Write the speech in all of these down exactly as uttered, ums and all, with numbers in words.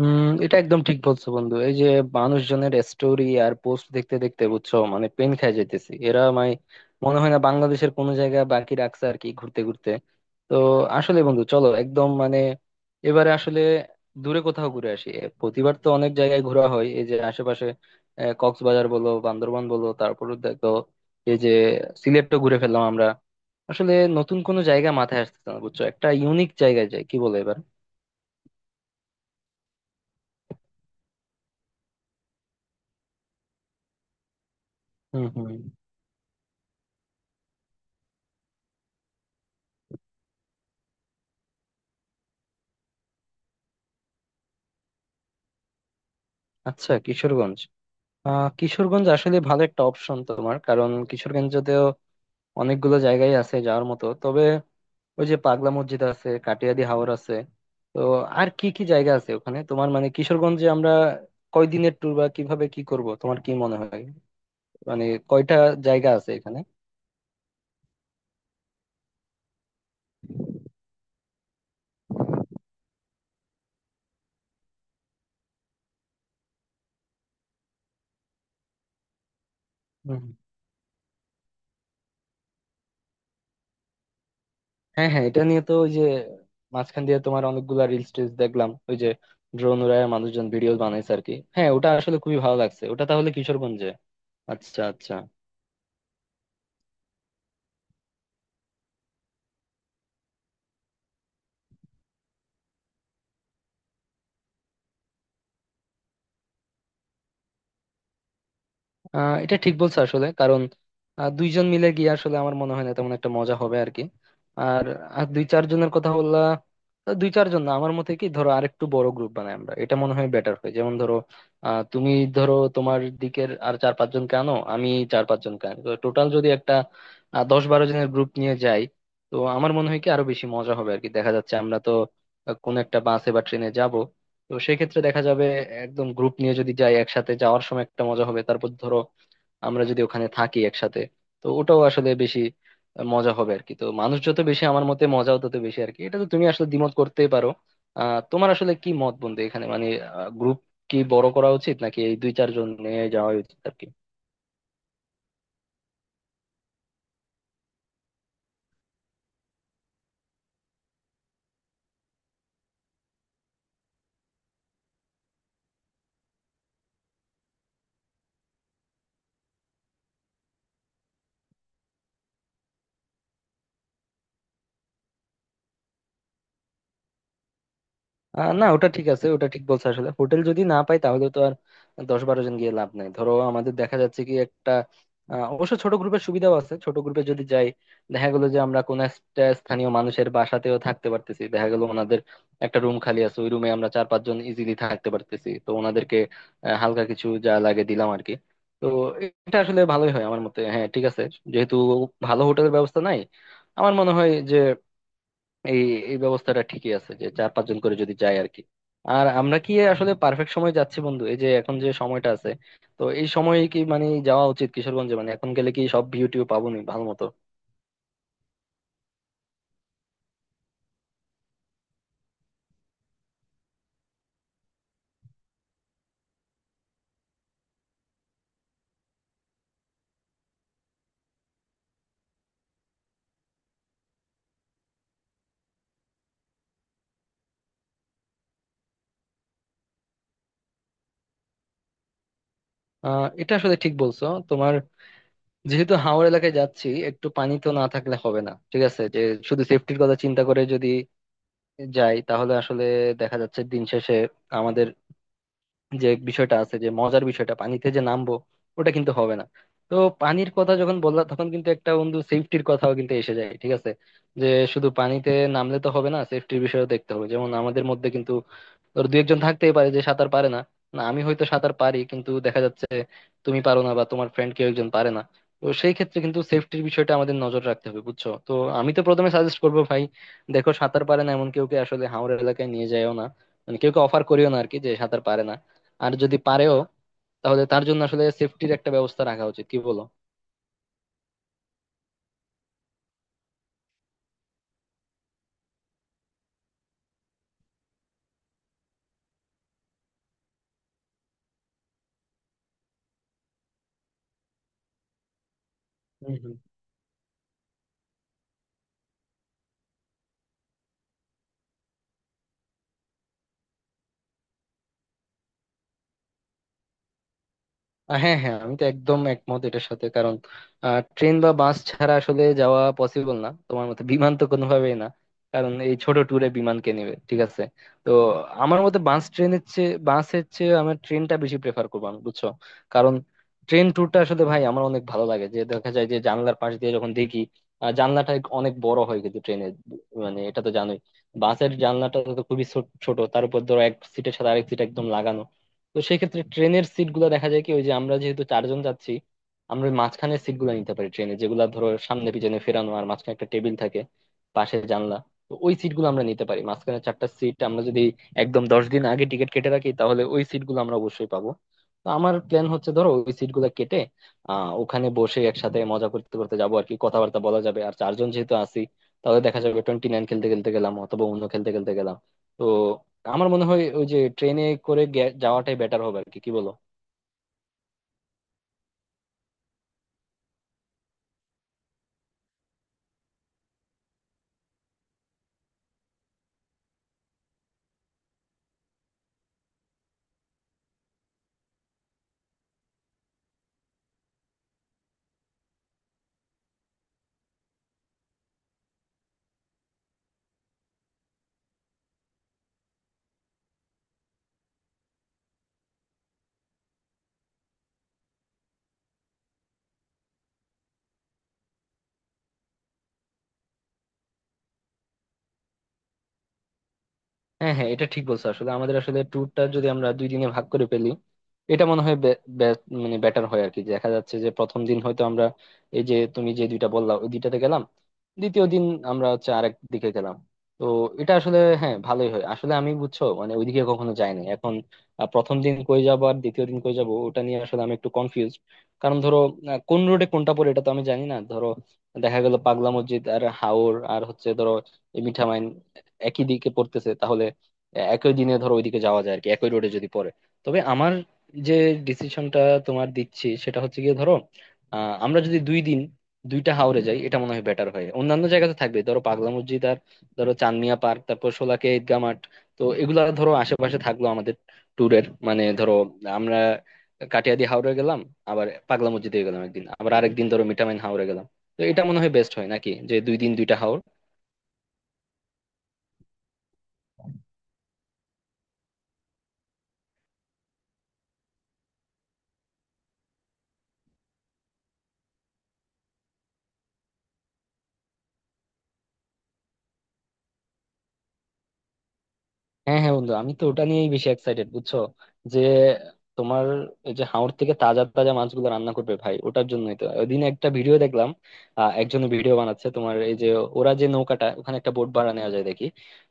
হুম এটা একদম ঠিক বলছো বন্ধু, এই যে মানুষজনের স্টোরি আর পোস্ট দেখতে দেখতে বুঝছো, মানে পেন খাই যাইতেছি এরা। মানে মনে হয় না বাংলাদেশের কোনো জায়গা বাকি রাখছে আর কি, ঘুরতে ঘুরতে। তো আসলে বন্ধু চলো একদম, মানে এবারে আসলে দূরে কোথাও ঘুরে আসি। এ, প্রতিবার তো অনেক জায়গায় ঘোরা হয় এই যে আশেপাশে। আহ, কক্সবাজার বলো, বান্দরবান বলো, তারপরে দেখো এই যে সিলেটও ঘুরে ফেললাম আমরা। আসলে নতুন কোনো জায়গা মাথায় আসতেছে না বুঝছো, একটা ইউনিক জায়গায় যাই কি বলে এবার। হুম হুম আচ্ছা কিশোরগঞ্জ। আহ কিশোরগঞ্জ আসলে ভালো একটা অপশন তোমার, কারণ কিশোরগঞ্জতেও অনেকগুলো জায়গায় আছে যাওয়ার মতো। তবে ওই যে পাগলা মসজিদ আছে, কাটিয়াদি হাওর আছে। তো আর কি কি জায়গা আছে ওখানে তোমার, মানে কিশোরগঞ্জে আমরা কয়দিনের ট্যুর বা কিভাবে কি করব, তোমার কি মনে হয়? মানে কয়টা জায়গা আছে এখানে? হুম। হ্যাঁ হ্যাঁ, এটা নিয়ে তো ওই যে মাঝখান দিয়ে তোমার অনেকগুলা রিলস টিলস দেখলাম, ওই যে ড্রোন উড়ায় মানুষজন ভিডিও বানাইছে আর কি। হ্যাঁ, ওটা আসলে খুবই ভালো লাগছে। ওটা তাহলে কিশোরগঞ্জে। আচ্ছা আচ্ছা। আহ এটা ঠিক বলছো আসলে, কারণ আহ, দুইজন মিলে গিয়ে আসলে আমার মনে হয় না তেমন একটা মজা হবে আর কি। আর আর দুই চারজনের কথা বললা। তা দুই চারজন না, আমার মতে কি ধরো আরেকটু বড় গ্রুপ বানাই আমরা, এটা মনে হয় বেটার হয়। যেমন ধরো, আহ তুমি ধরো তোমার দিকের আর চার পাঁচজনকে আনো, আমি চার পাঁচজনকে আনি, তো টোটাল যদি একটা আহ, দশ বারো জনের গ্রুপ নিয়ে যাই, তো আমার মনে হয় কি আরো বেশি মজা হবে আর কি। দেখা যাচ্ছে আমরা তো আহ, কোনো একটা বাসে বা ট্রেনে যাব, তো সেক্ষেত্রে দেখা যাবে একদম গ্রুপ নিয়ে যদি যাই, একসাথে যাওয়ার সময় একটা মজা হবে। তারপর ধরো আমরা যদি ওখানে থাকি একসাথে, তো ওটাও আসলে বেশি মজা হবে আর কি। তো মানুষ যত বেশি আমার মতে মজাও তত বেশি আর কি। এটা তো তুমি আসলে দ্বিমত করতেই পারো। আহ তোমার আসলে কি মত বন্ধু এখানে, মানে গ্রুপ কি বড় করা উচিত, নাকি এই দুই চারজন নিয়ে যাওয়া উচিত আর কি? আহ না, ওটা ঠিক আছে, ওটা ঠিক বলছো আসলে। হোটেল যদি না পাই তাহলে তো আর দশ বারো জন গিয়ে লাভ নাই। ধরো আমাদের দেখা যাচ্ছে কি একটা আহ, অবশ্য ছোট গ্রুপের সুবিধাও আছে। ছোট গ্রুপে যদি যাই দেখা গেলো যে আমরা কোন একটা স্থানীয় মানুষের বাসাতেও থাকতে পারতেছি। দেখা গেলো ওনাদের একটা রুম খালি আছে, ওই রুমে আমরা চার পাঁচজন ইজিলি থাকতে পারতেছি। তো ওনাদেরকে আহ, হালকা কিছু যা লাগে দিলাম আর কি। তো এটা আসলে ভালোই হয় আমার মতে। হ্যাঁ ঠিক আছে, যেহেতু ভালো হোটেলের ব্যবস্থা নাই, আমার মনে হয় যে এই এই ব্যবস্থাটা ঠিকই আছে, যে চার পাঁচজন করে যদি যায় আর কি। আর আমরা কি আসলে পারফেক্ট সময় যাচ্ছি বন্ধু, এই যে এখন যে সময়টা আছে? তো এই সময়ে কি মানে যাওয়া উচিত কিশোরগঞ্জে, মানে এখন গেলে কি সব ভিউ টিউ পাবো নি ভালো মতো? আহ এটা আসলে ঠিক বলছো তোমার। যেহেতু হাওড় এলাকায় যাচ্ছি, একটু পানি তো না থাকলে হবে না। ঠিক আছে, যে শুধু সেফটির কথা চিন্তা করে যদি যাই, তাহলে আসলে দেখা যাচ্ছে দিন শেষে আমাদের যে বিষয়টা আছে, যে মজার বিষয়টা পানিতে যে নামবো, ওটা কিন্তু হবে না। তো পানির কথা যখন বললাম, তখন কিন্তু একটা বন্ধু সেফটির কথাও কিন্তু এসে যায়। ঠিক আছে, যে শুধু পানিতে নামলে তো হবে না, সেফটির বিষয়ও দেখতে হবে। যেমন আমাদের মধ্যে কিন্তু ধর দু একজন থাকতেই পারে যে সাঁতার পারে না। না, আমি হয়তো সাঁতার পারি, কিন্তু দেখা যাচ্ছে তুমি পারো না, বা তোমার ফ্রেন্ড কেউ একজন পারে না। তো সেই ক্ষেত্রে কিন্তু সেফটির বিষয়টা আমাদের নজর রাখতে হবে বুঝছো। তো আমি তো প্রথমে সাজেস্ট করবো ভাই, দেখো, সাঁতার পারে না এমন কেউকে আসলে হাওর এলাকায় নিয়ে যায়ও না, মানে কেউকে অফার করিও না আর কি যে সাঁতার পারে না। আর যদি পারেও, তাহলে তার জন্য আসলে সেফটির একটা ব্যবস্থা রাখা উচিত, কি বলো? আহ হ্যাঁ হ্যাঁ, আমি তো একদম একমত এটার সাথে। কারণ ট্রেন বা বাস ছাড়া আসলে যাওয়া পসিবল না তোমার মতে, বিমান তো কোনোভাবেই না, কারণ এই ছোট ট্যুরে বিমান কে নেবে। ঠিক আছে, তো আমার মতে বাস ট্রেনের চেয়ে, বাসের চেয়ে আমার ট্রেনটা বেশি প্রেফার করবো আমি বুঝছো। কারণ ট্রেন ট্যুরটা আসলে ভাই আমার অনেক ভালো লাগে, যে দেখা যায় যে জানলার পাশ দিয়ে যখন দেখি আহ, জানলাটা অনেক বড় হয় কিন্তু ট্রেনের, মানে এটা তো জানোই। বাসের জানলাটা তো খুবই ছোট ছোট, তার উপর ধরো এক সিটের সাথে আরেক সিট একদম লাগানো। তো সেই ক্ষেত্রে ট্রেনের সিট গুলো দেখা যায় কি, ওই যে আমরা যেহেতু চারজন যাচ্ছি, আমরা ওই মাঝখানের সিট গুলো নিতে পারি ট্রেনে, যেগুলা ধরো সামনে পিছনে ফেরানো আর মাঝখানে একটা টেবিল থাকে, পাশে জানলা। তো ওই সিট গুলো আমরা নিতে পারি। মাঝখানে চারটা সিট আমরা যদি একদম দশ দিন আগে টিকিট কেটে রাখি, তাহলে ওই সিট গুলো আমরা অবশ্যই পাবো। তো আমার প্ল্যান হচ্ছে ধরো ওই সিট গুলা কেটে আহ ওখানে বসে একসাথে মজা করতে করতে যাবো আর কি, কথাবার্তা বলা যাবে। আর চারজন যেহেতু আছি, তাহলে দেখা যাবে টোয়েন্টি নাইন খেলতে খেলতে গেলাম, অথবা অন্য খেলতে খেলতে গেলাম। তো আমার মনে হয় ওই যে ট্রেনে করে গে- যাওয়াটাই বেটার হবে আর কি, কি বলো? হ্যাঁ হ্যাঁ, এটা ঠিক বলছো আসলে। আমাদের আসলে ট্যুরটা যদি আমরা দুই দিনে ভাগ করে ফেলি, এটা মনে হয় বে- বে- মানে বেটার হয় আর কি। দেখা যাচ্ছে যে প্রথম দিন হয়তো আমরা এই যে তুমি যে দুইটা বললা ওই দুইটাতে গেলাম, দ্বিতীয় দিন আমরা হচ্ছে আরেক দিকে গেলাম। তো এটা আসলে হ্যাঁ, ভালোই হয় আসলে আমি বুঝছো, মানে ওইদিকে কখনো যাইনি এখন। আহ, প্রথম দিন কই যাবো আর দ্বিতীয় দিন কই যাবো, ওটা নিয়ে আসলে আমি একটু কনফিউজ। কারণ ধরো আহ, কোন রোডে কোনটা পড়ে এটা তো আমি জানি না। ধরো দেখা গেল পাগলা মসজিদ আর হাওর আর হচ্ছে ধরো এই মিঠামাইন একই দিকে পড়তেছে, তাহলে একই দিনে ধরো ওইদিকে যাওয়া যায় আর কি, একই রোডে যদি পড়ে। তবে আমার যে ডিসিশনটা তোমার দিচ্ছি, সেটা হচ্ছে গিয়ে ধরো আহ, আমরা যদি দুই দিন দুইটা হাওরে যাই, এটা মনে হয় বেটার হয়। অন্যান্য জায়গাতে থাকবে ধরো পাগলা মসজিদ, আর ধরো চান্দনিয়া পার্ক, তারপর শোলাকিয়া ঈদগাহ মাঠ। তো এগুলা ধরো আশেপাশে থাকলো আমাদের ট্যুরের, মানে ধরো আমরা কাটিয়াদি হাওরে গেলাম, আবার পাগলা মসজিদে গেলাম একদিন, আবার আরেকদিন ধরো মিঠামইন হাওরে গেলাম। তো এটা মনে হয় বেস্ট হয় নাকি, যে দুই দিন দুইটা হাওর? হ্যাঁ হ্যাঁ বন্ধু, আমি তো ওটা নিয়েই বেশি এক্সাইটেড বুঝছো, যে তোমার এই যে হাওর থেকে তাজা তাজা মাছগুলো রান্না করবে ভাই, ওটার জন্যই তো ওই দিন একটা ভিডিও দেখলাম। আহ একজন ভিডিও বানাচ্ছে তোমার, এই যে ওরা যে নৌকাটা, ওখানে একটা বোট ভাড়া নেওয়া যায় দেখি।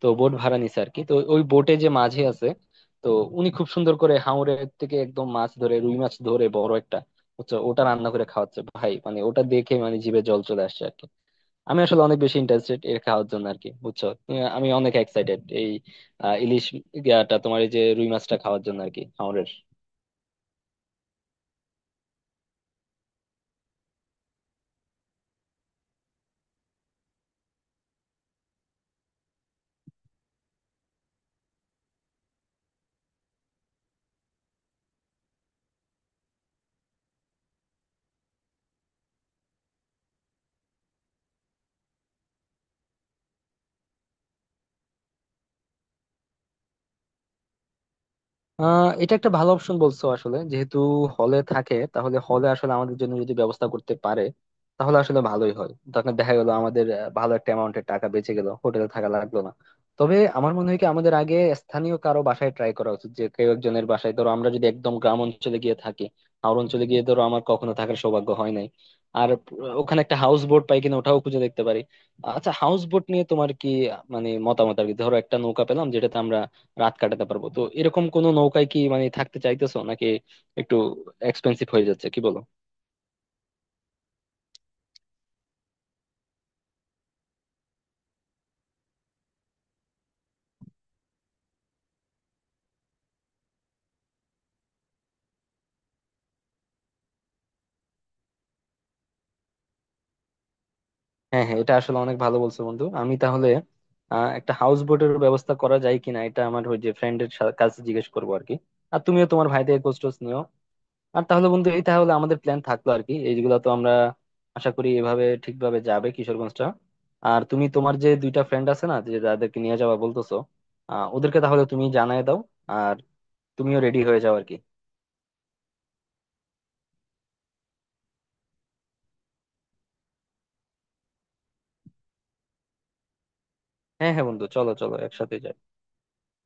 তো বোট ভাড়া নিছে আর কি, তো ওই বোটে যে মাঝি আছে, তো উনি খুব সুন্দর করে হাওরের থেকে একদম মাছ ধরে, রুই মাছ ধরে বড় একটা, বুঝছো, ওটা রান্না করে খাওয়াচ্ছে ভাই। মানে ওটা দেখে মানে জিভে জল চলে আসছে আর কি। আমি আসলে অনেক বেশি ইন্টারেস্টেড এর খাওয়ার জন্য আর কি বুঝছো। আহ, আমি অনেক এক্সাইটেড এই আহ, ইলিশ ইয়াটা তোমার, এই যে রুই মাছটা খাওয়ার জন্য আর কি। আহ এটা একটা ভালো অপশন বলছো আসলে, যেহেতু হলে থাকে, তাহলে হলে আসলে আমাদের জন্য যদি ব্যবস্থা করতে পারে, তাহলে আসলে ভালোই হয়। তখন দেখা গেল আমাদের আহ, ভালো একটা অ্যামাউন্টের টাকা বেঁচে গেল, হোটেলে থাকা লাগলো না। তবে আমার মনে হয় কি আমাদের আগে স্থানীয় কারো বাসায় ট্রাই করা উচিত, যে কেউ একজনের বাসায়। ধরো আমরা যদি একদম গ্রাম অঞ্চলে গিয়ে থাকি, আর অঞ্চলে গিয়ে ধরো আমার কখনো থাকার সৌভাগ্য হয় নাই। আর আহ, ওখানে একটা হাউস বোট পাই কিনা ওটাও খুঁজে দেখতে পারি। আচ্ছা হাউস বোট নিয়ে তোমার কি আহ, মানে মতামত আর কি? ধরো একটা নৌকা পেলাম যেটাতে আমরা রাত কাটাতে পারবো, তো এরকম কোনো নৌকায় কি মানে থাকতে চাইতেছো নাকি? একটু এক্সপেন্সিভ হয়ে যাচ্ছে কি বলো? হ্যাঁ হ্যাঁ, এটা আসলে অনেক ভালো বলছো বন্ধু। আমি তাহলে আহ, একটা হাউস বোটের ব্যবস্থা করা যায় কিনা এটা আমার ওই যে ফ্রেন্ডের কাছে জিজ্ঞেস করবো আর কি। আর তুমিও তোমার ভাইদের খোঁজ টোজ নিও। আর তাহলে বন্ধু, এই তাহলে আমাদের প্ল্যান থাকলো আর কি, এইগুলা তো আমরা আশা করি এভাবে ঠিকভাবে যাবে কিশোরগঞ্জটা। আর তুমি তোমার যে দুইটা ফ্রেন্ড আছে না, যে যাদেরকে নিয়ে যাওয়া বলতেছো, আহ ওদেরকে তাহলে তুমি জানায় দাও, আর তুমিও রেডি হয়ে যাও আর কি। হ্যাঁ হ্যাঁ বন্ধু, চলো চলো একসাথে যাই।